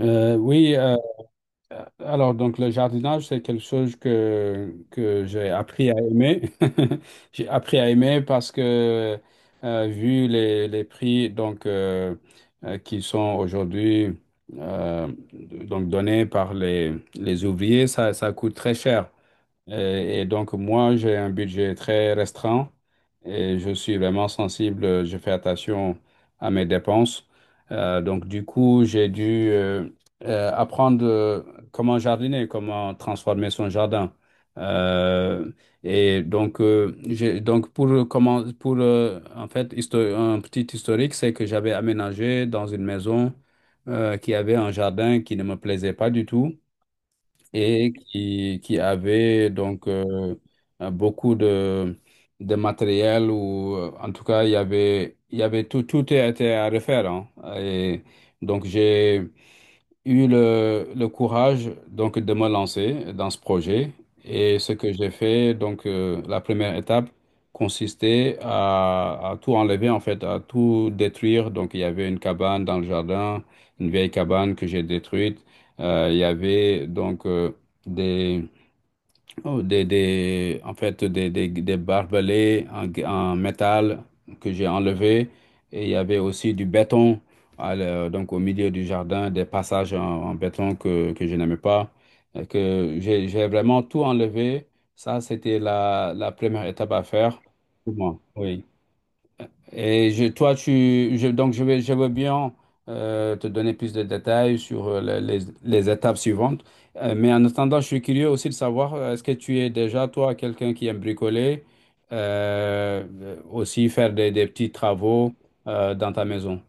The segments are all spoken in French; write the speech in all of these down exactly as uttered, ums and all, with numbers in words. Euh, oui, euh, alors donc le jardinage, c'est quelque chose que, que j'ai appris à aimer. J'ai appris à aimer parce que euh, vu les, les prix donc, euh, euh, qui sont aujourd'hui euh, donc donnés par les, les ouvriers, ça, ça coûte très cher. Et, et donc, moi, j'ai un budget très restreint et je suis vraiment sensible. Je fais attention à mes dépenses. Euh, donc, du coup, j'ai dû euh, euh, apprendre euh, comment jardiner, comment transformer son jardin. Euh, et donc, euh, j'ai, donc pour euh, comment, pour euh, en fait, histo- un petit historique, c'est que j'avais aménagé dans une maison euh, qui avait un jardin qui ne me plaisait pas du tout et qui, qui avait donc euh, euh, beaucoup de, de matériel ou euh, en tout cas il y avait il y avait tout tout était à refaire hein. Et donc j'ai eu le, le courage donc de me lancer dans ce projet. Et ce que j'ai fait, donc euh, la première étape consistait à, à tout enlever en fait, à tout détruire. Donc il y avait une cabane dans le jardin, une vieille cabane que j'ai détruite. Euh, il y avait donc euh, des Oh, des, des, en fait, des, des, des barbelés en, en métal que j'ai enlevés. Et il y avait aussi du béton, à la- donc au milieu du jardin, des passages en, en béton que, que je n'aimais pas. Et que j'ai, j'ai vraiment tout enlevé. Ça, c'était la, la première étape à faire pour moi. Oui. Et je- toi, tu, je- donc je vais, Je veux bien euh, te donner plus de détails sur euh, le- les, les étapes suivantes. Euh, mais en attendant, je suis curieux aussi de savoir, euh, est-ce que tu es déjà, toi, quelqu'un qui aime bricoler, euh, euh, aussi faire des, des petits travaux euh, dans ta maison?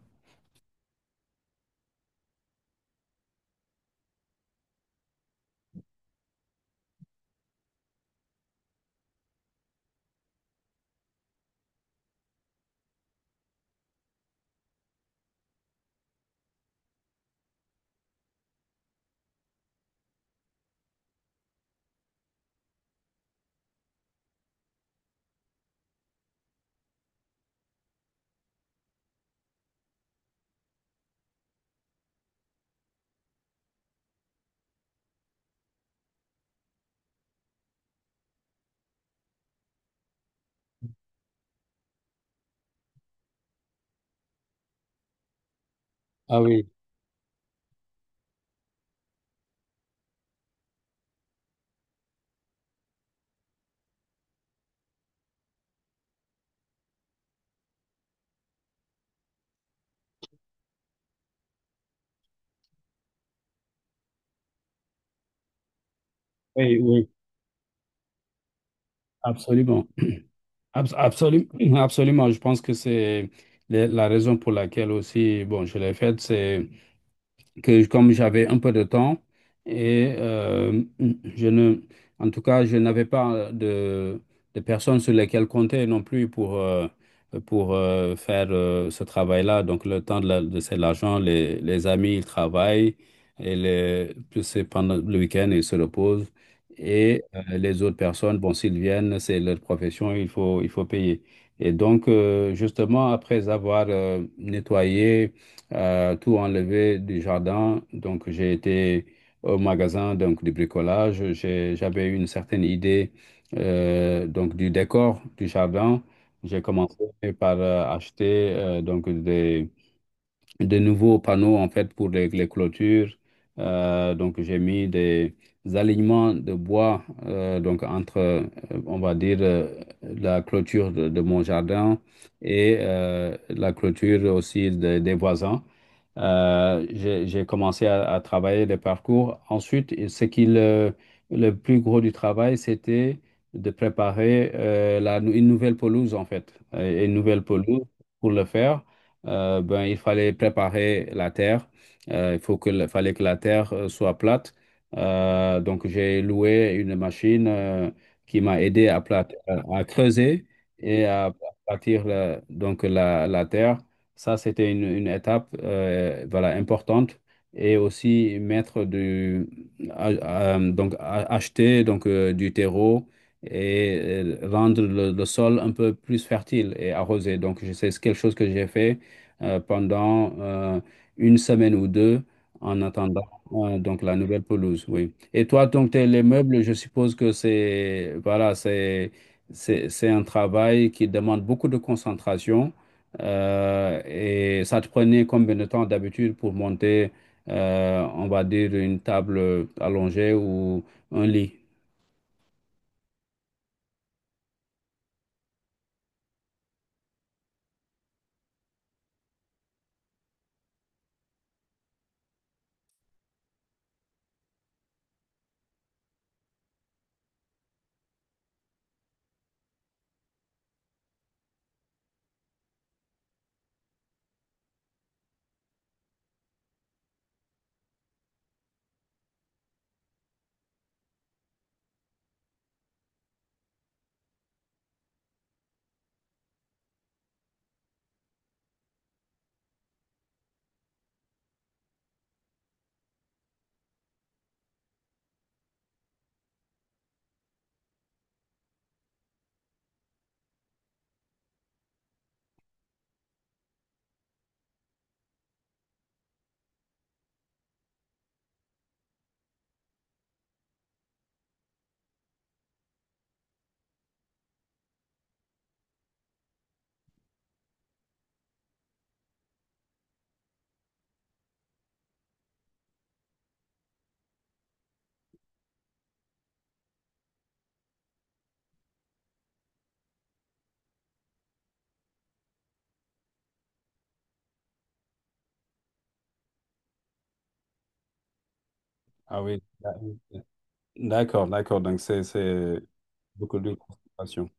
Ah oui, oui, oui, absolument. Abs- absolument Absolument, je pense que c'est la la raison pour laquelle aussi, bon, je l'ai faite, c'est que comme j'avais un peu de temps et euh, je ne, en tout cas, je n'avais pas de, de personnes sur lesquelles compter non plus pour, euh, pour euh, faire euh, ce travail-là. Donc, le temps de, la- de c'est l'argent, les, les amis, ils travaillent et les, puis c'est pendant le week-end, ils se reposent. Et euh, les autres personnes, bon, s'ils viennent, c'est leur profession, il faut, il faut payer. Et donc, euh, justement, après avoir euh, nettoyé, euh, tout enlevé du jardin. Donc, j'ai été au magasin donc, du bricolage. J'ai- J'avais une certaine idée euh, donc, du décor du jardin. J'ai commencé par euh, acheter euh, donc, des de nouveaux panneaux en fait pour les, les clôtures. Euh, donc j'ai mis des alignements de bois euh, donc entre euh, on va dire euh, la clôture de, de mon jardin et euh, la clôture aussi des des voisins. Euh, j'ai, j'ai commencé à, à travailler les parcours. Ensuite, ce qui le, le plus gros du travail, c'était de préparer euh, la, une nouvelle pelouse en fait. Euh, une nouvelle pelouse, pour le faire euh, ben, il fallait préparer la terre. Euh, il faut que, le- Fallait que la terre euh, soit plate. Euh, donc, j'ai loué une machine euh, qui m'a aidé à, plat- à creuser et à bâtir la- donc la, la terre. Ça, c'était une, une étape euh, voilà, importante. Et aussi mettre du, à- à- donc à- acheter donc, euh, du terreau et euh, rendre le, le sol un peu plus fertile et arrosé. Donc, je- c'est quelque chose que j'ai fait euh, pendant euh, une semaine ou deux en attendant euh, donc la nouvelle pelouse, oui. Et toi, donc, t'es- les meubles, je suppose que c'est voilà, c'est c'est c'est un travail qui demande beaucoup de concentration, euh, et ça te prenait combien de temps d'habitude pour monter, euh, on va dire, une table allongée ou un lit? Ah oui, d'accord, d'accord. Donc c'est c'est beaucoup de concentration.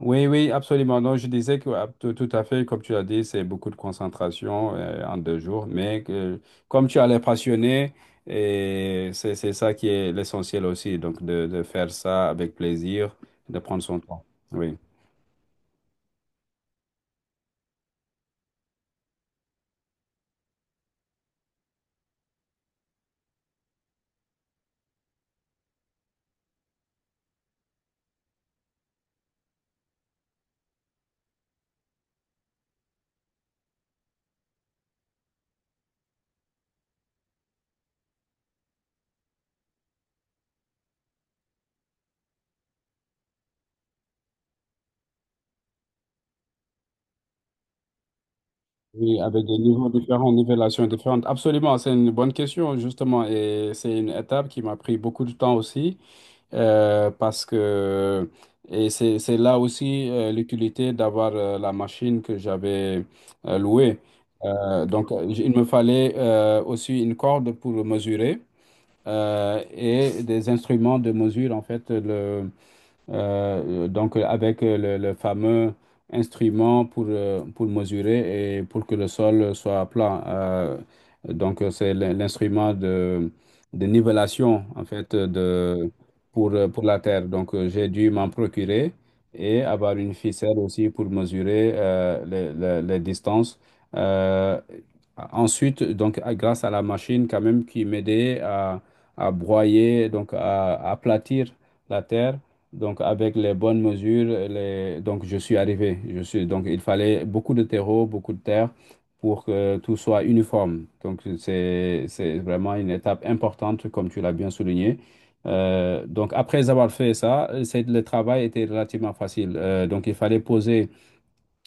Oui, oui, Absolument. Non, je disais que ah, tout, tout à fait, comme tu l'as dit, c'est beaucoup de concentration euh, en deux jours, mais que, comme tu as l'air passionné, et c'est c'est ça qui est l'essentiel aussi, donc de, de faire ça avec plaisir, de prendre son temps. Oui. Oui, avec des niveaux différents, nivellations différentes. Absolument, c'est une bonne question, justement, et c'est une étape qui m'a pris beaucoup de temps aussi, euh, parce que, et c'est, c'est là aussi euh, l'utilité d'avoir euh, la machine que j'avais euh, louée. Euh, donc, j- il me fallait euh, aussi une corde pour mesurer euh, et des instruments de mesure, en fait, euh, donc avec le, le fameux instrument pour, euh, pour mesurer et pour que le sol soit plat. Euh, donc c'est l'in- l'instrument de, de nivellation en fait de, pour, euh, pour la terre. Donc euh, j'ai dû m'en procurer et avoir une ficelle aussi pour mesurer euh, les, les- les distances. Euh, Ensuite, donc à- grâce à la machine quand même qui m'aidait à, à broyer, donc à à aplatir la terre donc, avec les bonnes mesures. Les... donc je suis arrivé. Je suis... Donc, il fallait beaucoup de terreau, beaucoup de terre pour que tout soit uniforme. Donc, c'est, c'est vraiment une étape importante, comme tu l'as bien souligné. Euh, donc, après avoir fait ça, c'est... le travail était relativement facile. Euh, donc, il fallait poser.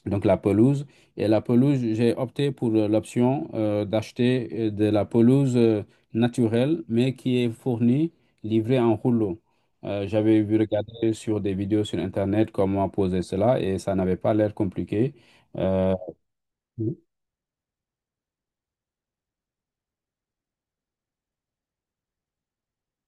Donc la pelouse. Et la pelouse, j'ai opté pour euh, l'option euh, d'acheter euh, de la pelouse euh, naturelle, mais qui est fournie, livrée en rouleau. Euh, j'avais vu regarder sur des vidéos sur Internet comment poser cela et ça n'avait pas l'air compliqué. Euh,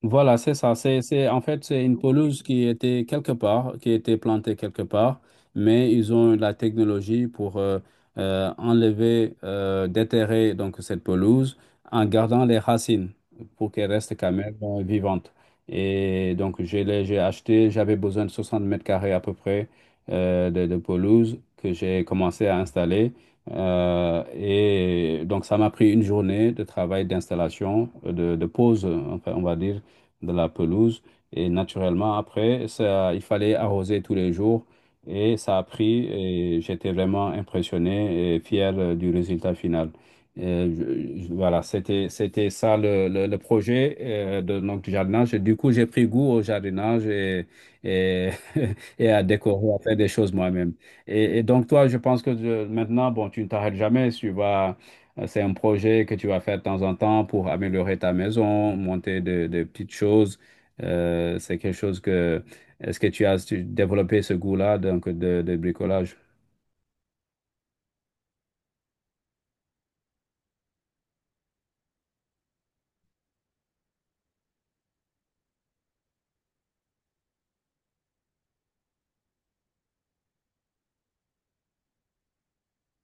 Voilà, c'est ça. C'est, c'est, en fait, c'est une pelouse qui était quelque part, qui était plantée quelque part, mais ils ont eu la technologie pour euh, euh, enlever, euh, déterrer donc cette pelouse en gardant les racines pour qu'elle reste quand même euh, vivante. Et donc, je l'ai, j'ai acheté, j'avais besoin de soixante mètres carrés à peu près euh, de, de pelouse que j'ai commencé à installer. Euh, et donc, ça m'a pris une journée de travail d'installation, euh, de, de pause, enfin, on va dire de la pelouse. Et naturellement, après, ça, il fallait arroser tous les jours. Et ça a pris et j'étais vraiment impressionné et fier euh, du résultat final. Et je- je- voilà, c'était c'était ça le, le, le projet euh, de, donc, du jardinage. Et du coup, j'ai pris goût au jardinage, et, et, et à décorer, à faire des choses moi-même. Et, et donc, toi, je pense que euh, maintenant, bon, tu ne t'arrêtes jamais, tu vas euh, c'est un projet que tu vas faire de temps en temps pour améliorer ta maison, monter de, de petites choses. Euh, c'est quelque chose que... Est-ce que tu as tu- développé ce goût-là donc de, de bricolage?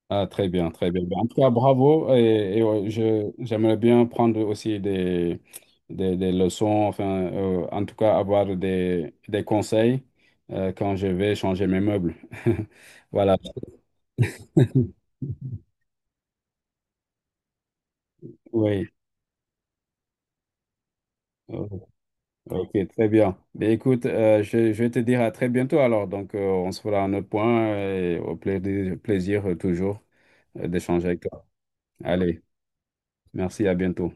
Ah, très bien, très bien. Ben, en tout cas, bravo. Et, et, ouais, je, j'aimerais bien prendre aussi des, des, des leçons, enfin, euh, en tout cas, avoir des, des conseils euh, quand je vais changer mes meubles. Voilà. Oui. Oh. Ok, très bien. Ben, écoute, euh, je, je vais te dire à très bientôt alors. Donc, euh, on se fera un autre point euh, et au plaisir, plaisir euh, toujours euh, d'échanger avec toi. Allez, merci, à bientôt.